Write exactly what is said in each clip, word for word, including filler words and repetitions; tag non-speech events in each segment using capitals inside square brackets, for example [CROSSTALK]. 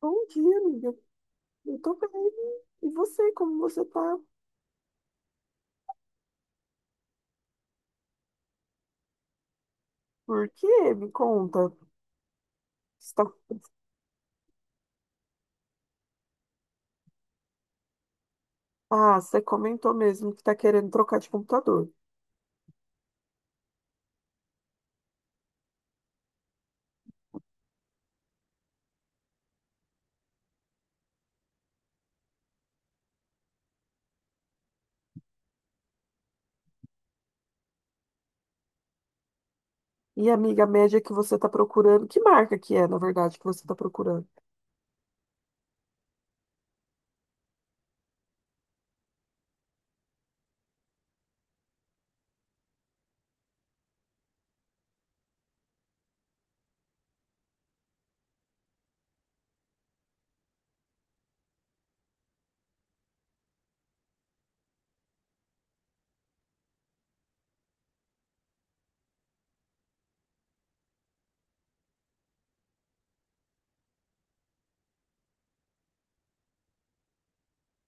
Bom dia, amiga. Eu tô bem. E você, como você tá? Por quê? Me conta. Você tá- ah, você comentou mesmo que tá querendo trocar de computador. E, amiga, a média que você tá procurando, que marca que é, na verdade, que você tá procurando?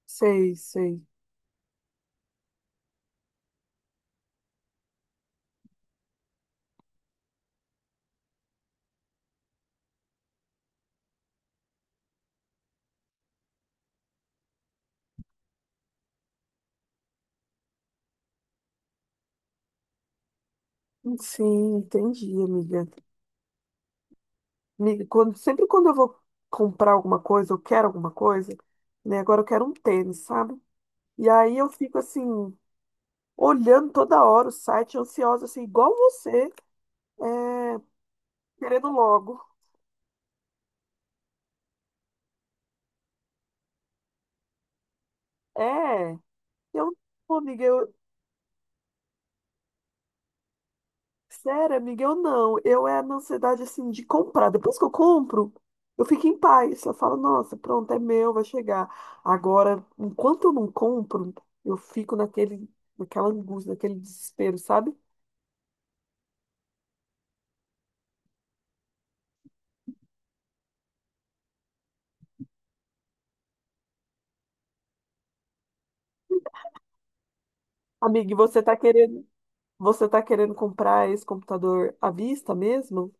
Sei, sei. Sim, entendi, amiga. Amiga, quando, sempre quando eu vou comprar alguma coisa, eu quero alguma coisa, né? Agora eu quero um tênis, sabe? E aí eu fico assim, olhando toda hora o site, ansiosa, assim, igual você. É, querendo logo. É, eu, pô, amiga, eu, sério, amiga, eu não. Eu é na ansiedade, assim, de comprar. Depois que eu compro, eu fico em paz. Eu falo, nossa, pronto, é meu, vai chegar. Agora, enquanto eu não compro, eu fico naquele, naquela angústia, naquele desespero, sabe? Amiga, e você tá querendo, você tá querendo comprar esse computador à vista mesmo?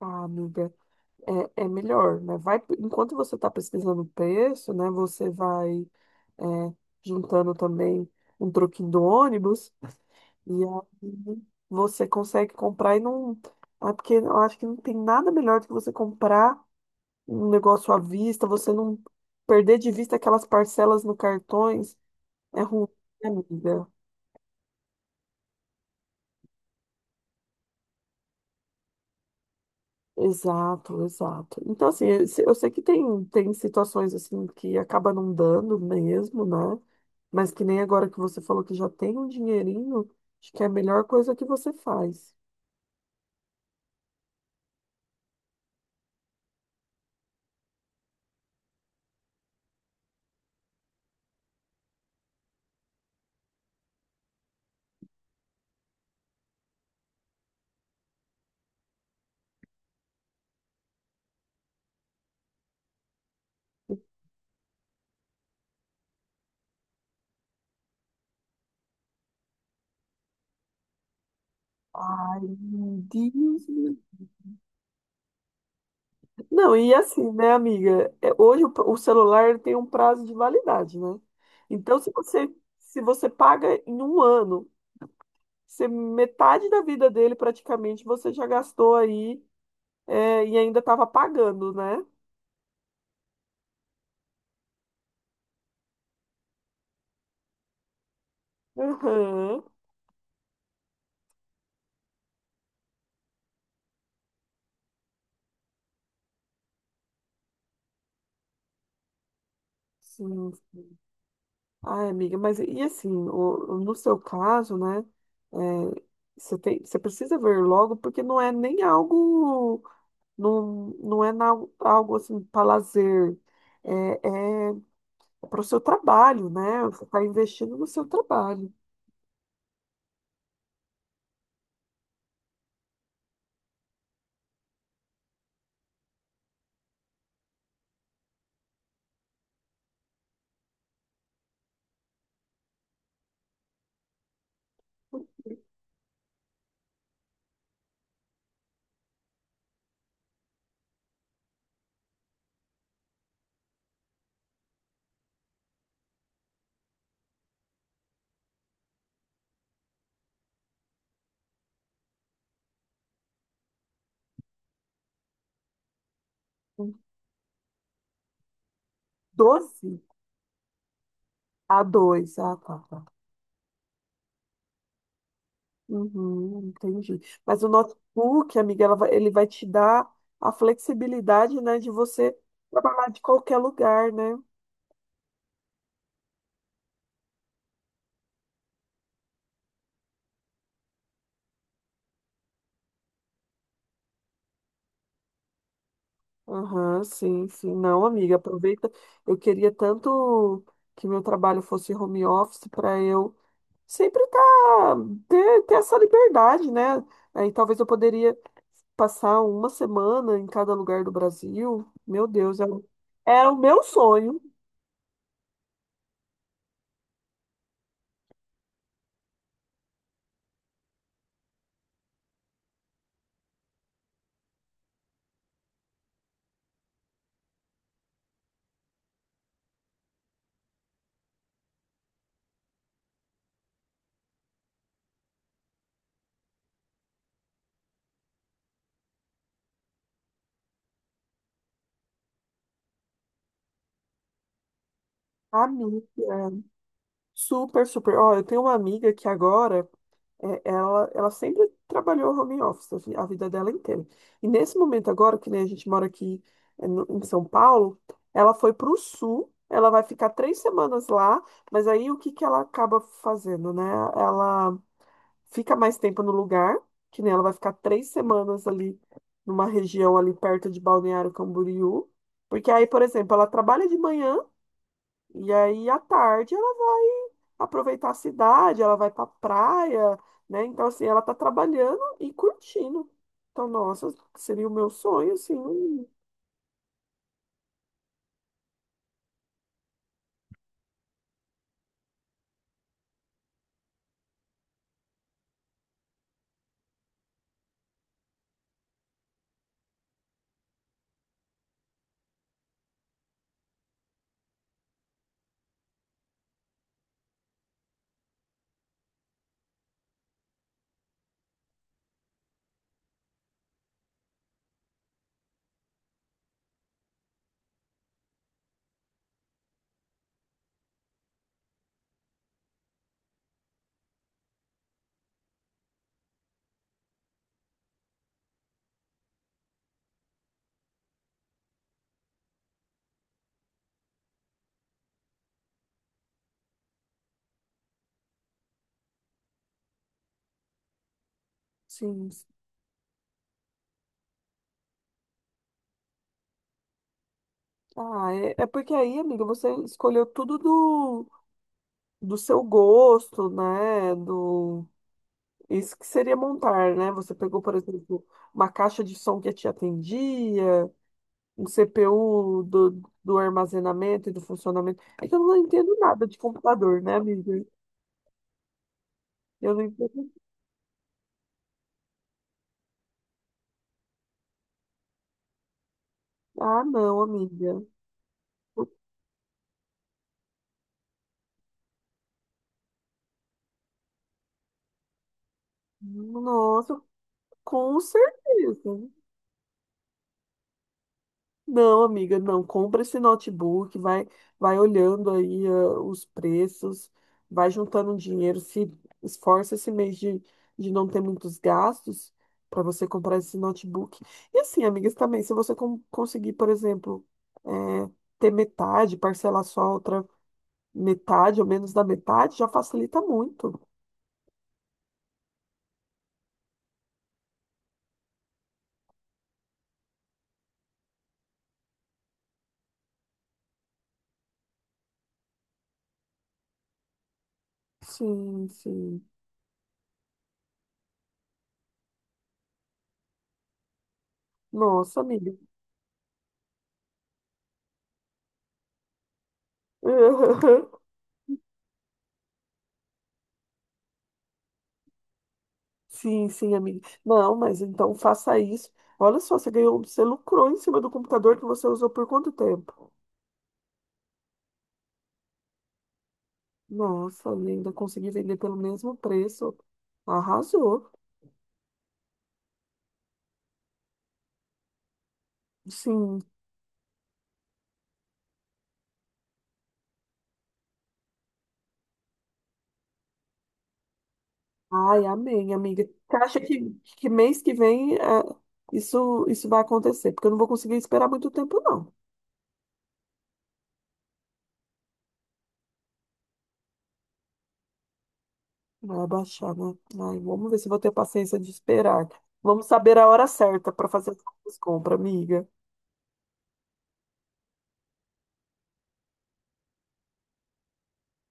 Ah, amiga, é, é melhor, né? Vai, enquanto você tá pesquisando o preço, né, você vai é, juntando também um troquinho do ônibus, e aí você consegue comprar e não. É porque eu acho que não tem nada melhor do que você comprar um negócio à vista, você não perder de vista aquelas parcelas no cartões, é ruim, né, amiga. Exato, exato. Então, assim, eu se- eu sei que tem, tem situações assim que acaba não dando mesmo, né? Mas que nem agora que você falou que já tem um dinheirinho, acho que é a melhor coisa que você faz. Ai, meu Deus. Não, e assim, né, amiga? É, hoje o, o celular tem um prazo de validade, né? Então, se você, Se você paga em um ano, você, metade da vida dele praticamente você já gastou aí, é, e ainda estava pagando, né? Aham. Sim, sim. Ai, amiga, mas e assim, o, o- no seu caso, né, é, você tem, você precisa ver logo, porque não é nem algo, não, não é na- algo assim para lazer, é, é para o seu trabalho, né? Você está investindo no seu trabalho. Doze a dois, ah, tá, tá. Uhum, entendi. Mas o notebook, amiga, ela vai- ele vai te dar a flexibilidade, né, de você trabalhar de qualquer lugar, né? Aham, sim, sim. Não, amiga, aproveita. Eu queria tanto que meu trabalho fosse home office para eu sempre tá, ter, ter essa liberdade, né? Aí talvez eu poderia passar uma semana em cada lugar do Brasil, meu Deus, era, era o meu sonho. Amiga, super, super. Ó, eu tenho uma amiga que agora, é, ela, ela sempre trabalhou home office a vi- a vida dela inteira. E nesse momento agora, que nem a gente mora aqui é, no- em São Paulo, ela foi para o sul, ela vai ficar três semanas lá, mas aí o que que ela acaba fazendo, né? Ela fica mais tempo no lugar, que nem ela vai ficar três semanas ali numa região ali perto de Balneário Camboriú, porque aí, por exemplo, ela trabalha de manhã e aí à tarde ela vai aproveitar a cidade, ela vai pra praia, né? Então, assim, ela tá trabalhando e curtindo. Então, nossa, seria o meu sonho, assim, um- sim. Ah, é, é porque aí, amiga, você escolheu tudo do, do seu gosto, né? Do isso que seria montar, né? Você pegou, por exemplo, uma caixa de som que te atendia, um C P U do, do armazenamento e do funcionamento. É que eu não entendo nada de computador, né, amiga? Eu não entendo. Ah, não, amiga. Nossa, com certeza. Não, amiga, não. Compra esse notebook, vai, vai olhando aí ah, os preços, vai juntando um dinheiro, se esforça esse mês de, de não ter muitos gastos para você comprar esse notebook. E assim, amigas, também, se você com- conseguir, por exemplo, eh, ter metade, parcelar só a outra metade ou menos da metade, já facilita muito. Sim, sim. Nossa, amiga. [LAUGHS] Sim, sim, amiga. Não, mas então faça isso. Olha só, você ganhou, você lucrou em cima do computador que você usou por quanto tempo? Nossa, ainda consegui vender pelo mesmo preço. Arrasou. Sim. Ai, amém, amiga. Você acha que, que mês que vem é, isso, isso vai acontecer? Porque eu não vou conseguir esperar muito tempo, não. Vai abaixar, né? Ai, vamos ver se eu vou ter paciência de esperar. Vamos saber a hora certa para fazer as compras, amiga.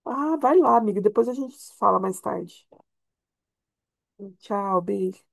Ah, vai lá, amiga. Depois a gente se fala mais tarde. Tchau, beijo.